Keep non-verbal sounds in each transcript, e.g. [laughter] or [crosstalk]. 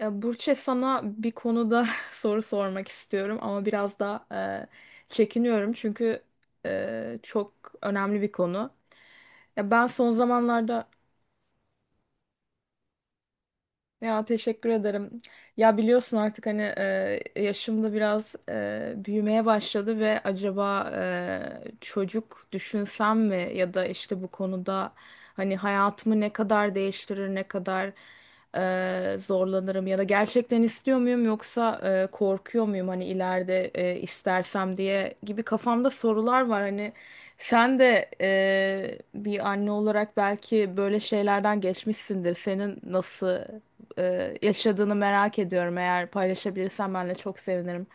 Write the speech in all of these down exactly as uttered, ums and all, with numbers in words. Ya Burçe sana bir konuda [laughs] soru sormak istiyorum ama biraz da e, çekiniyorum çünkü e, çok önemli bir konu. Ya ben son zamanlarda ya teşekkür ederim. Ya biliyorsun artık hani e, yaşım da biraz e, büyümeye başladı ve acaba e, çocuk düşünsem mi ya da işte bu konuda hani hayatımı ne kadar değiştirir, ne kadar e, zorlanırım ya da gerçekten istiyor muyum yoksa e, korkuyor muyum hani ileride e, istersem diye gibi kafamda sorular var hani sen de e, bir anne olarak belki böyle şeylerden geçmişsindir. Senin nasıl e, yaşadığını merak ediyorum. Eğer paylaşabilirsen benle çok sevinirim.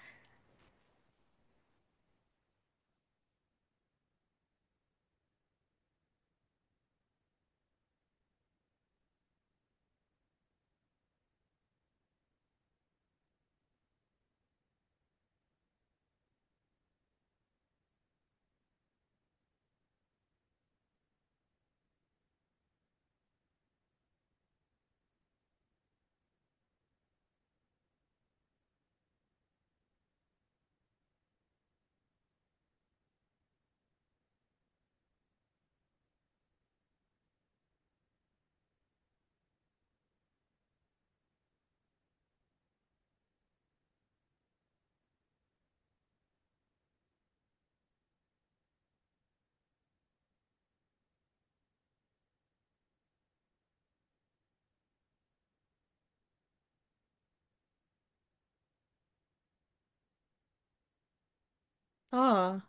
Aa,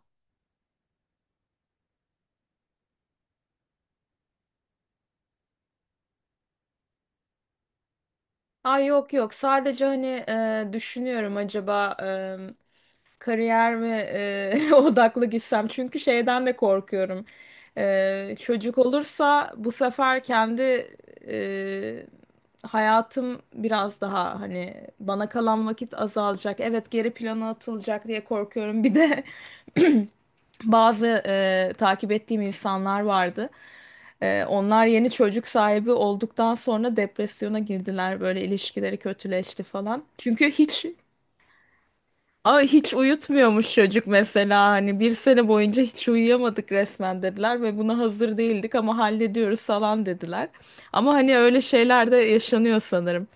ay yok yok, sadece hani e, düşünüyorum acaba e, kariyer mi e, [laughs] odaklı gitsem, çünkü şeyden de korkuyorum. E, çocuk olursa bu sefer kendi e, hayatım biraz daha, hani bana kalan vakit azalacak. Evet, geri plana atılacak diye korkuyorum bir de. [laughs] Bazı e, takip ettiğim insanlar vardı. E, onlar yeni çocuk sahibi olduktan sonra depresyona girdiler. Böyle ilişkileri kötüleşti falan. Çünkü hiç. Aa, hiç uyutmuyormuş çocuk mesela, hani bir sene boyunca hiç uyuyamadık resmen dediler ve buna hazır değildik ama hallediyoruz falan dediler. Ama hani öyle şeyler de yaşanıyor sanırım.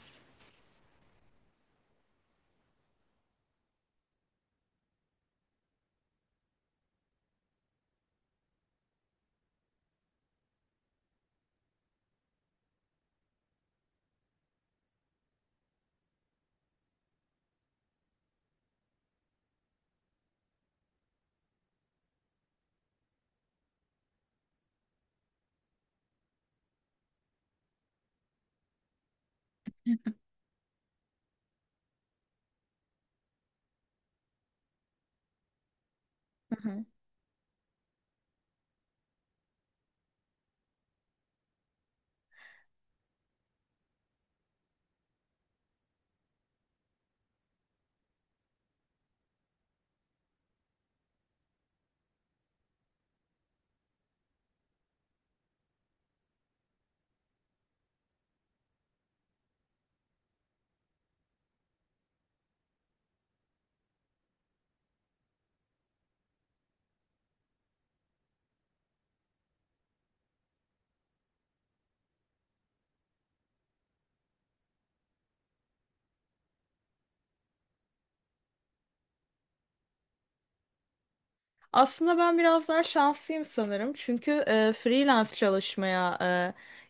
Aslında ben biraz daha şanslıyım sanırım. Çünkü e, freelance çalışmaya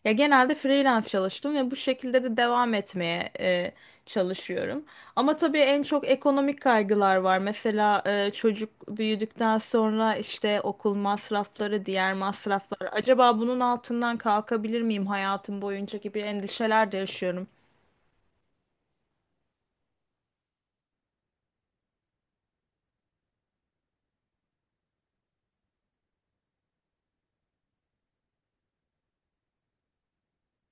e, ya genelde freelance çalıştım ve bu şekilde de devam etmeye e, çalışıyorum. Ama tabii en çok ekonomik kaygılar var. Mesela e, çocuk büyüdükten sonra işte okul masrafları, diğer masraflar. Acaba bunun altından kalkabilir miyim hayatım boyunca gibi endişeler de yaşıyorum.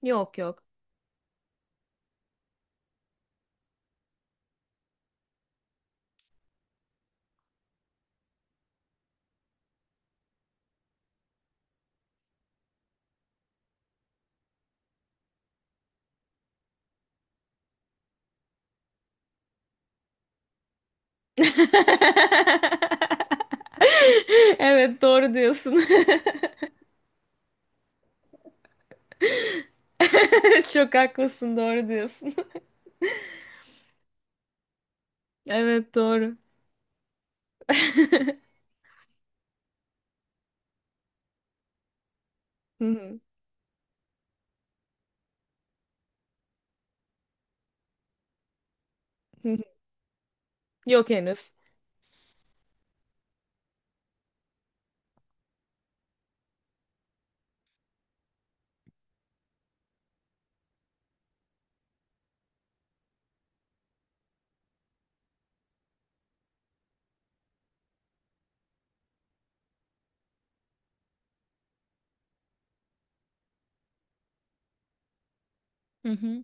Yok yok. [laughs] Evet, doğru diyorsun. [laughs] [laughs] Çok haklısın, doğru diyorsun. [laughs] Evet, doğru. [laughs] Hı hı, hı hı. Yok henüz. Hı hı.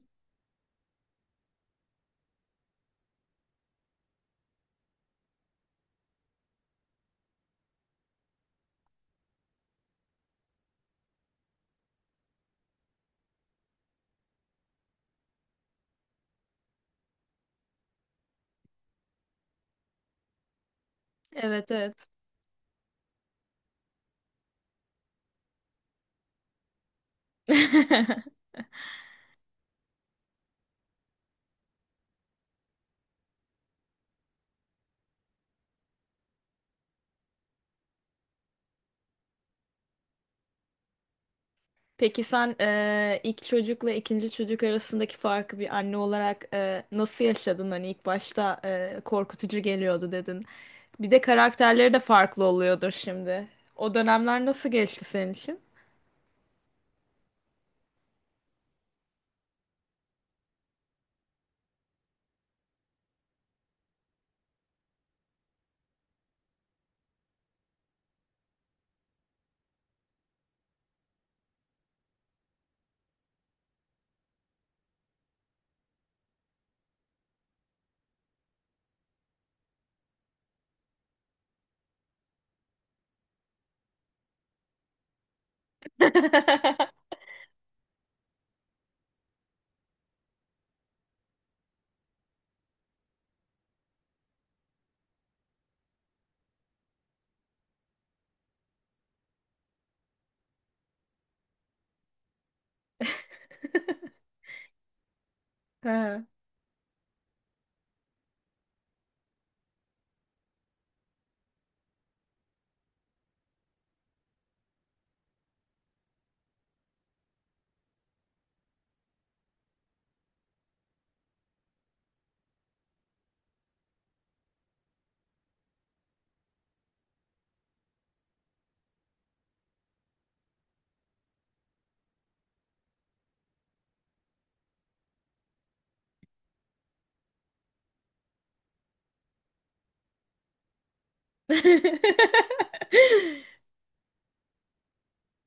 Evet, evet. [laughs] Peki sen eee, ilk çocukla ikinci çocuk arasındaki farkı bir anne olarak eee, nasıl yaşadın? Hani ilk başta eee, korkutucu geliyordu dedin. Bir de karakterleri de farklı oluyordur şimdi. O dönemler nasıl geçti senin için? [laughs] Ha.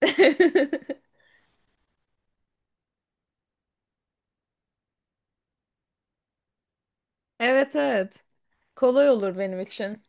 [laughs] Evet, evet. Kolay olur benim için.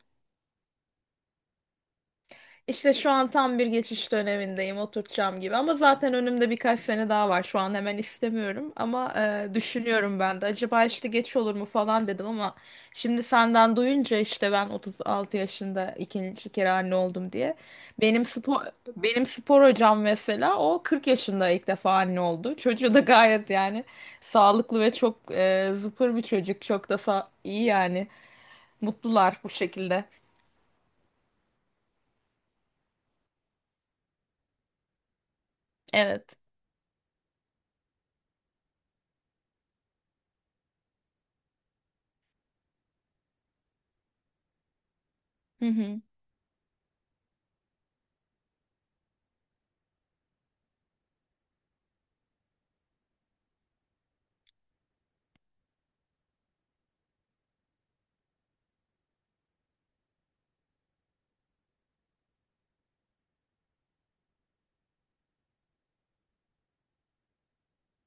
İşte şu an tam bir geçiş dönemindeyim, oturtacağım gibi. Ama zaten önümde birkaç sene daha var. Şu an hemen istemiyorum ama e, düşünüyorum ben de. Acaba işte geç olur mu falan dedim ama şimdi senden duyunca, işte ben otuz altı yaşında ikinci kere anne oldum diye. Benim spor Benim spor hocam mesela o kırk yaşında ilk defa anne oldu. Çocuğu da gayet yani sağlıklı ve çok e, zıpır bir çocuk. Çok da sa- iyi yani. Mutlular bu şekilde. Evet. Hı hı.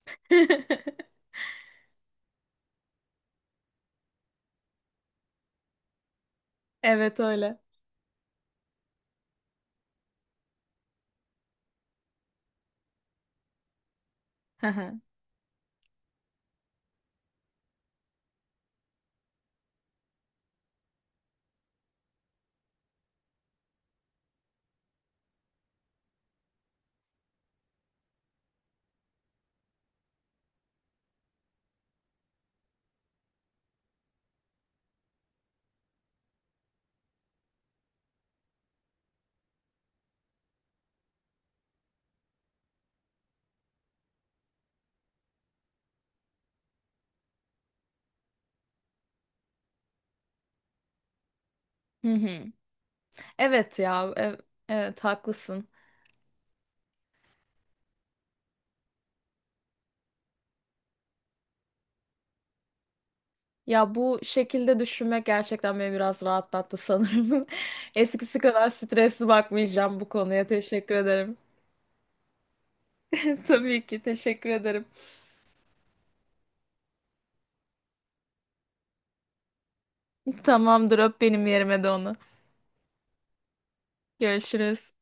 [laughs] Evet öyle. Hı hı. Hı hı. Evet ya. ev- Evet haklısın. Ya bu şekilde düşünmek gerçekten beni biraz rahatlattı sanırım. [laughs] Eskisi kadar stresli bakmayacağım bu konuya. Teşekkür ederim. [laughs] Tabii ki, teşekkür ederim. Tamamdır, öp benim yerime de onu. Görüşürüz.